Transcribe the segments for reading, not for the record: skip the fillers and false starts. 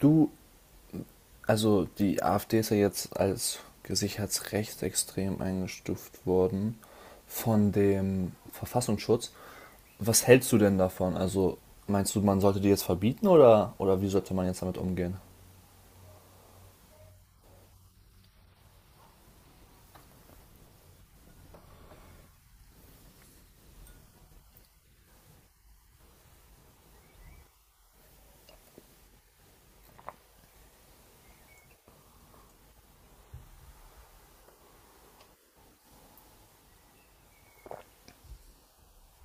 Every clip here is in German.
Du, also die AfD ist ja jetzt als gesichert rechtsextrem eingestuft worden von dem Verfassungsschutz. Was hältst du denn davon? Also meinst du, man sollte die jetzt verbieten oder wie sollte man jetzt damit umgehen?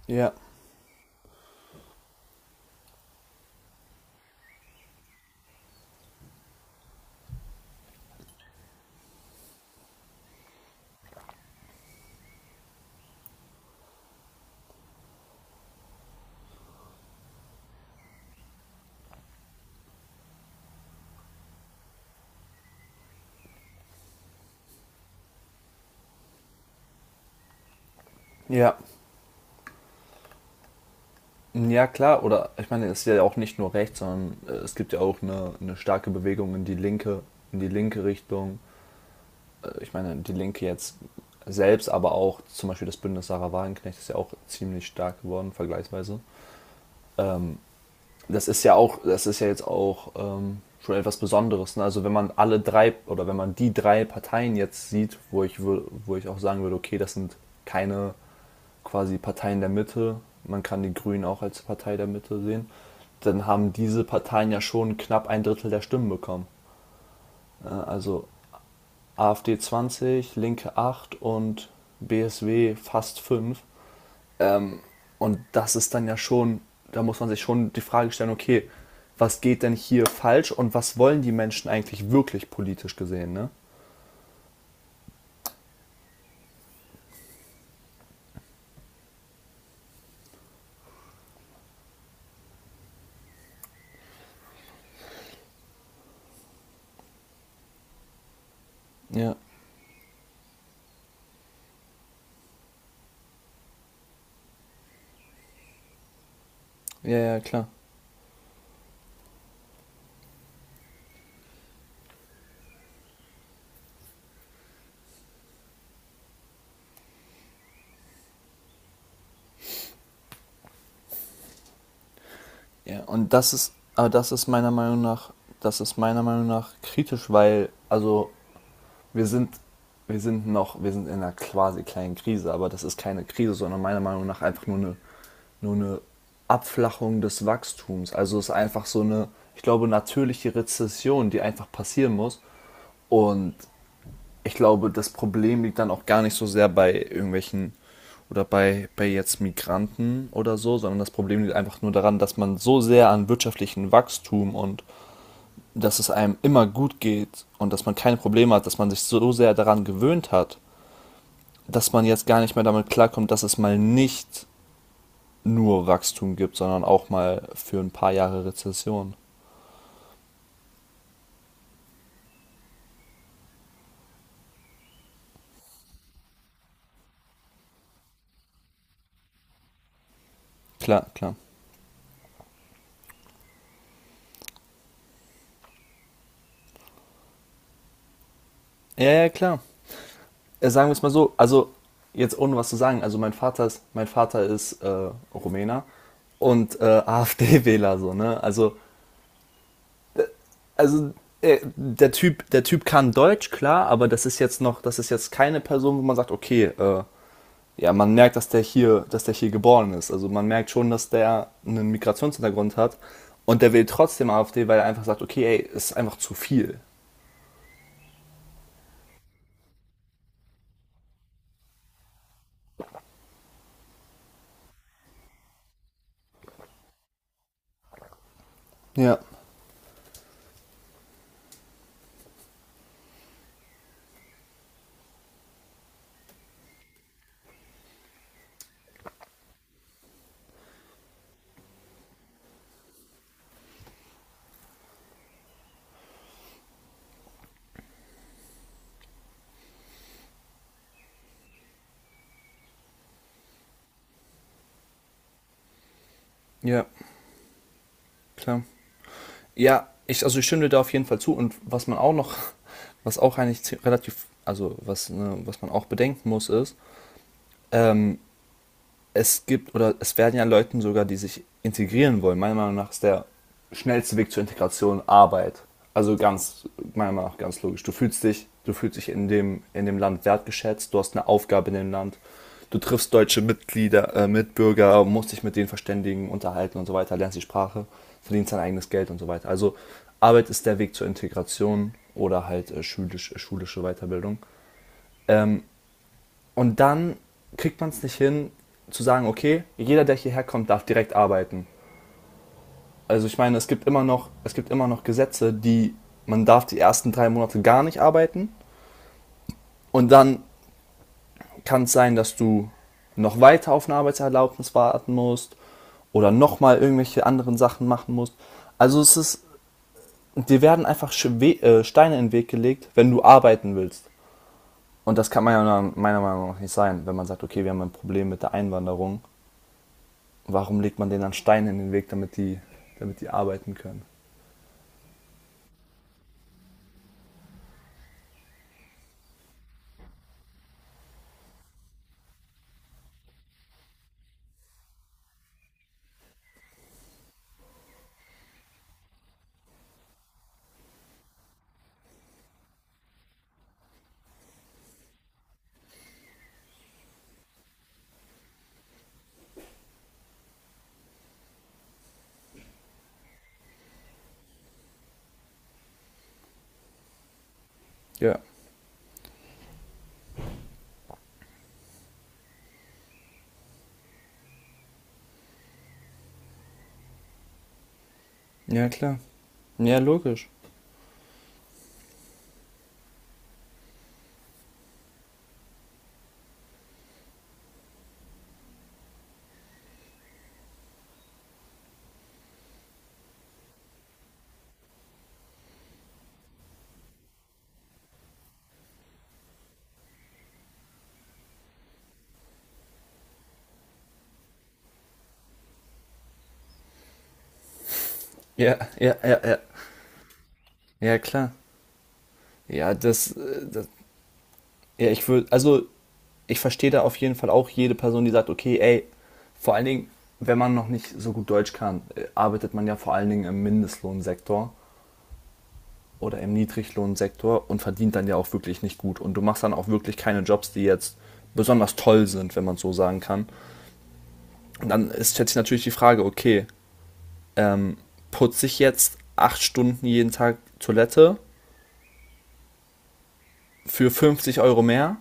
Ja, ja. Ja, klar. Oder ich meine, es ist ja auch nicht nur rechts, sondern es gibt ja auch eine starke Bewegung in die linke, Richtung. Ich meine, die Linke jetzt selbst, aber auch zum Beispiel das Bündnis Sarah Wagenknecht ist ja auch ziemlich stark geworden, vergleichsweise. Ähm, Das ist ja auch, das ist ja jetzt auch schon etwas Besonderes. Ne? Also wenn man alle drei oder wenn man die drei Parteien jetzt sieht, wo ich auch sagen würde, okay, das sind keine quasi Parteien der Mitte, man kann die Grünen auch als Partei der Mitte sehen, dann haben diese Parteien ja schon knapp ein Drittel der Stimmen bekommen. Also AfD 20, Linke 8 und BSW fast 5. Und das ist dann ja schon, da muss man sich schon die Frage stellen, okay, was geht denn hier falsch und was wollen die Menschen eigentlich wirklich politisch gesehen, ne? Ja, ja, ja, klar. Ja, und das ist, aber das ist meiner Meinung nach, das ist meiner Meinung nach kritisch, weil, also wir sind, wir sind in einer quasi kleinen Krise, aber das ist keine Krise, sondern meiner Meinung nach einfach nur eine Abflachung des Wachstums. Also es ist einfach so eine, ich glaube, natürliche Rezession, die einfach passieren muss. Und ich glaube, das Problem liegt dann auch gar nicht so sehr bei irgendwelchen oder bei jetzt Migranten oder so, sondern das Problem liegt einfach nur daran, dass man so sehr an wirtschaftlichen Wachstum und dass es einem immer gut geht und dass man keine Probleme hat, dass man sich so sehr daran gewöhnt hat, dass man jetzt gar nicht mehr damit klarkommt, dass es mal nicht nur Wachstum gibt, sondern auch mal für ein paar Jahre Rezession. Klar, klar. Ja, ja, klar. Sagen wir es mal so, also jetzt ohne was zu sagen, also mein Vater ist Rumäner und AfD-Wähler so, ne? Also, der Typ kann Deutsch, klar, aber das ist jetzt keine Person, wo man sagt, okay, ja, man merkt, dass der hier geboren ist. Also man merkt schon, dass der einen Migrationshintergrund hat und der will trotzdem AfD, weil er einfach sagt, okay, ey, ist einfach zu viel. Ja. Ja, klar. Ja, also ich stimme dir da auf jeden Fall zu und was man auch noch, was auch eigentlich relativ, also was, ne, was man auch bedenken muss, ist, ähm, es gibt oder es werden ja Leuten sogar, die sich integrieren wollen. Meiner Meinung nach ist der schnellste Weg zur Integration Arbeit. Also ganz, meiner Meinung nach ganz logisch. Du fühlst dich in dem Land wertgeschätzt, du hast eine Aufgabe in dem Land, du triffst deutsche Mitglieder, Mitbürger, musst dich mit denen verständigen, unterhalten und so weiter, lernst die Sprache, verdienst dein eigenes Geld und so weiter. Also Arbeit ist der Weg zur Integration oder halt schulische Weiterbildung. Ähm, und dann kriegt man es nicht hin, zu sagen, okay, jeder, der hierher kommt, darf direkt arbeiten. Also ich meine, es gibt immer noch Gesetze, die man darf die ersten 3 Monate gar nicht arbeiten und dann kann es sein, dass du noch weiter auf eine Arbeitserlaubnis warten musst oder nochmal irgendwelche anderen Sachen machen musst. Also es ist, dir werden einfach Steine in den Weg gelegt, wenn du arbeiten willst. Und das kann man ja meiner Meinung nach nicht sein, wenn man sagt, okay, wir haben ein Problem mit der Einwanderung. Warum legt man denen dann Steine in den Weg, damit die arbeiten können? Ja. Ja, klar. Ja, logisch. Ja, ja, ja, ja. Ja, klar. Ja, das, das ja, ich würde, also, ich verstehe da auf jeden Fall auch jede Person, die sagt, okay, ey, vor allen Dingen, wenn man noch nicht so gut Deutsch kann, arbeitet man ja vor allen Dingen im Mindestlohnsektor oder im Niedriglohnsektor und verdient dann ja auch wirklich nicht gut. Und du machst dann auch wirklich keine Jobs, die jetzt besonders toll sind, wenn man es so sagen kann. Und dann ist jetzt natürlich die Frage, okay, ähm, putze ich jetzt 8 Stunden jeden Tag Toilette für 50 € mehr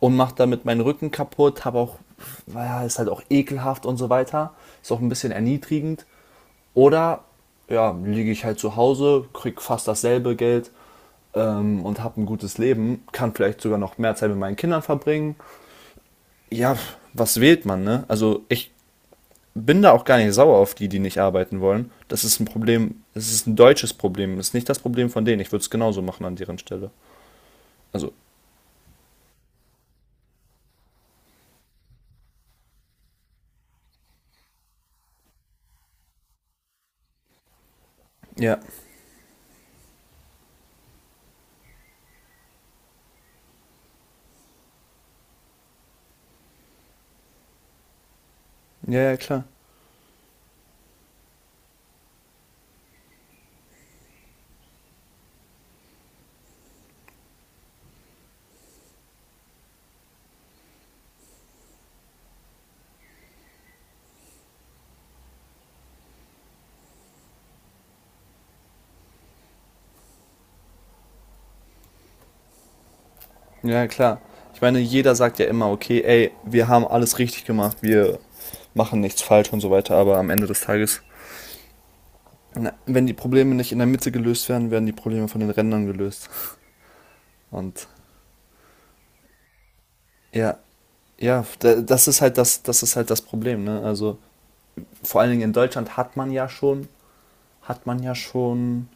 und mache damit meinen Rücken kaputt, habe auch, naja, ist halt auch ekelhaft und so weiter, ist auch ein bisschen erniedrigend. Oder ja, liege ich halt zu Hause, kriege fast dasselbe Geld und habe ein gutes Leben, kann vielleicht sogar noch mehr Zeit mit meinen Kindern verbringen. Ja, was wählt man, ne? Also ich bin da auch gar nicht sauer auf die, die nicht arbeiten wollen. Das ist ein Problem, es ist ein deutsches Problem, das ist nicht das Problem von denen. Ich würde es genauso machen an deren Stelle. Also, ja. Ja, ja, klar. Ja, ja, klar. Ich meine, jeder sagt ja immer, okay, ey, wir haben alles richtig gemacht, wir machen nichts falsch und so weiter, aber am Ende des Tages, na, wenn die Probleme nicht in der Mitte gelöst werden, werden die Probleme von den Rändern gelöst. Und ja, ja, das ist halt das, das ist halt das Problem, ne? Also vor allen Dingen in Deutschland hat man ja schon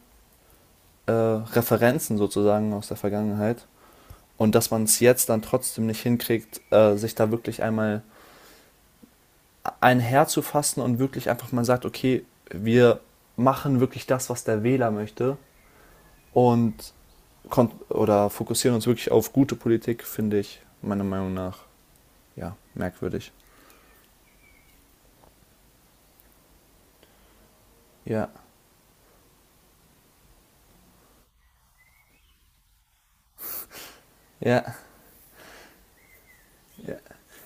Referenzen sozusagen aus der Vergangenheit. Und dass man es jetzt dann trotzdem nicht hinkriegt, sich da wirklich einmal ein Herz zu fassen und wirklich einfach mal sagt, okay, wir machen wirklich das, was der Wähler möchte und oder fokussieren uns wirklich auf gute Politik, finde ich meiner Meinung nach ja merkwürdig. Ja, ja, ja.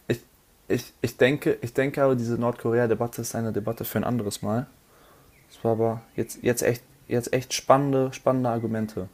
Ich, ich denke aber diese Nordkorea-Debatte ist eine Debatte für ein anderes Mal. Es war aber jetzt echt spannende, spannende Argumente.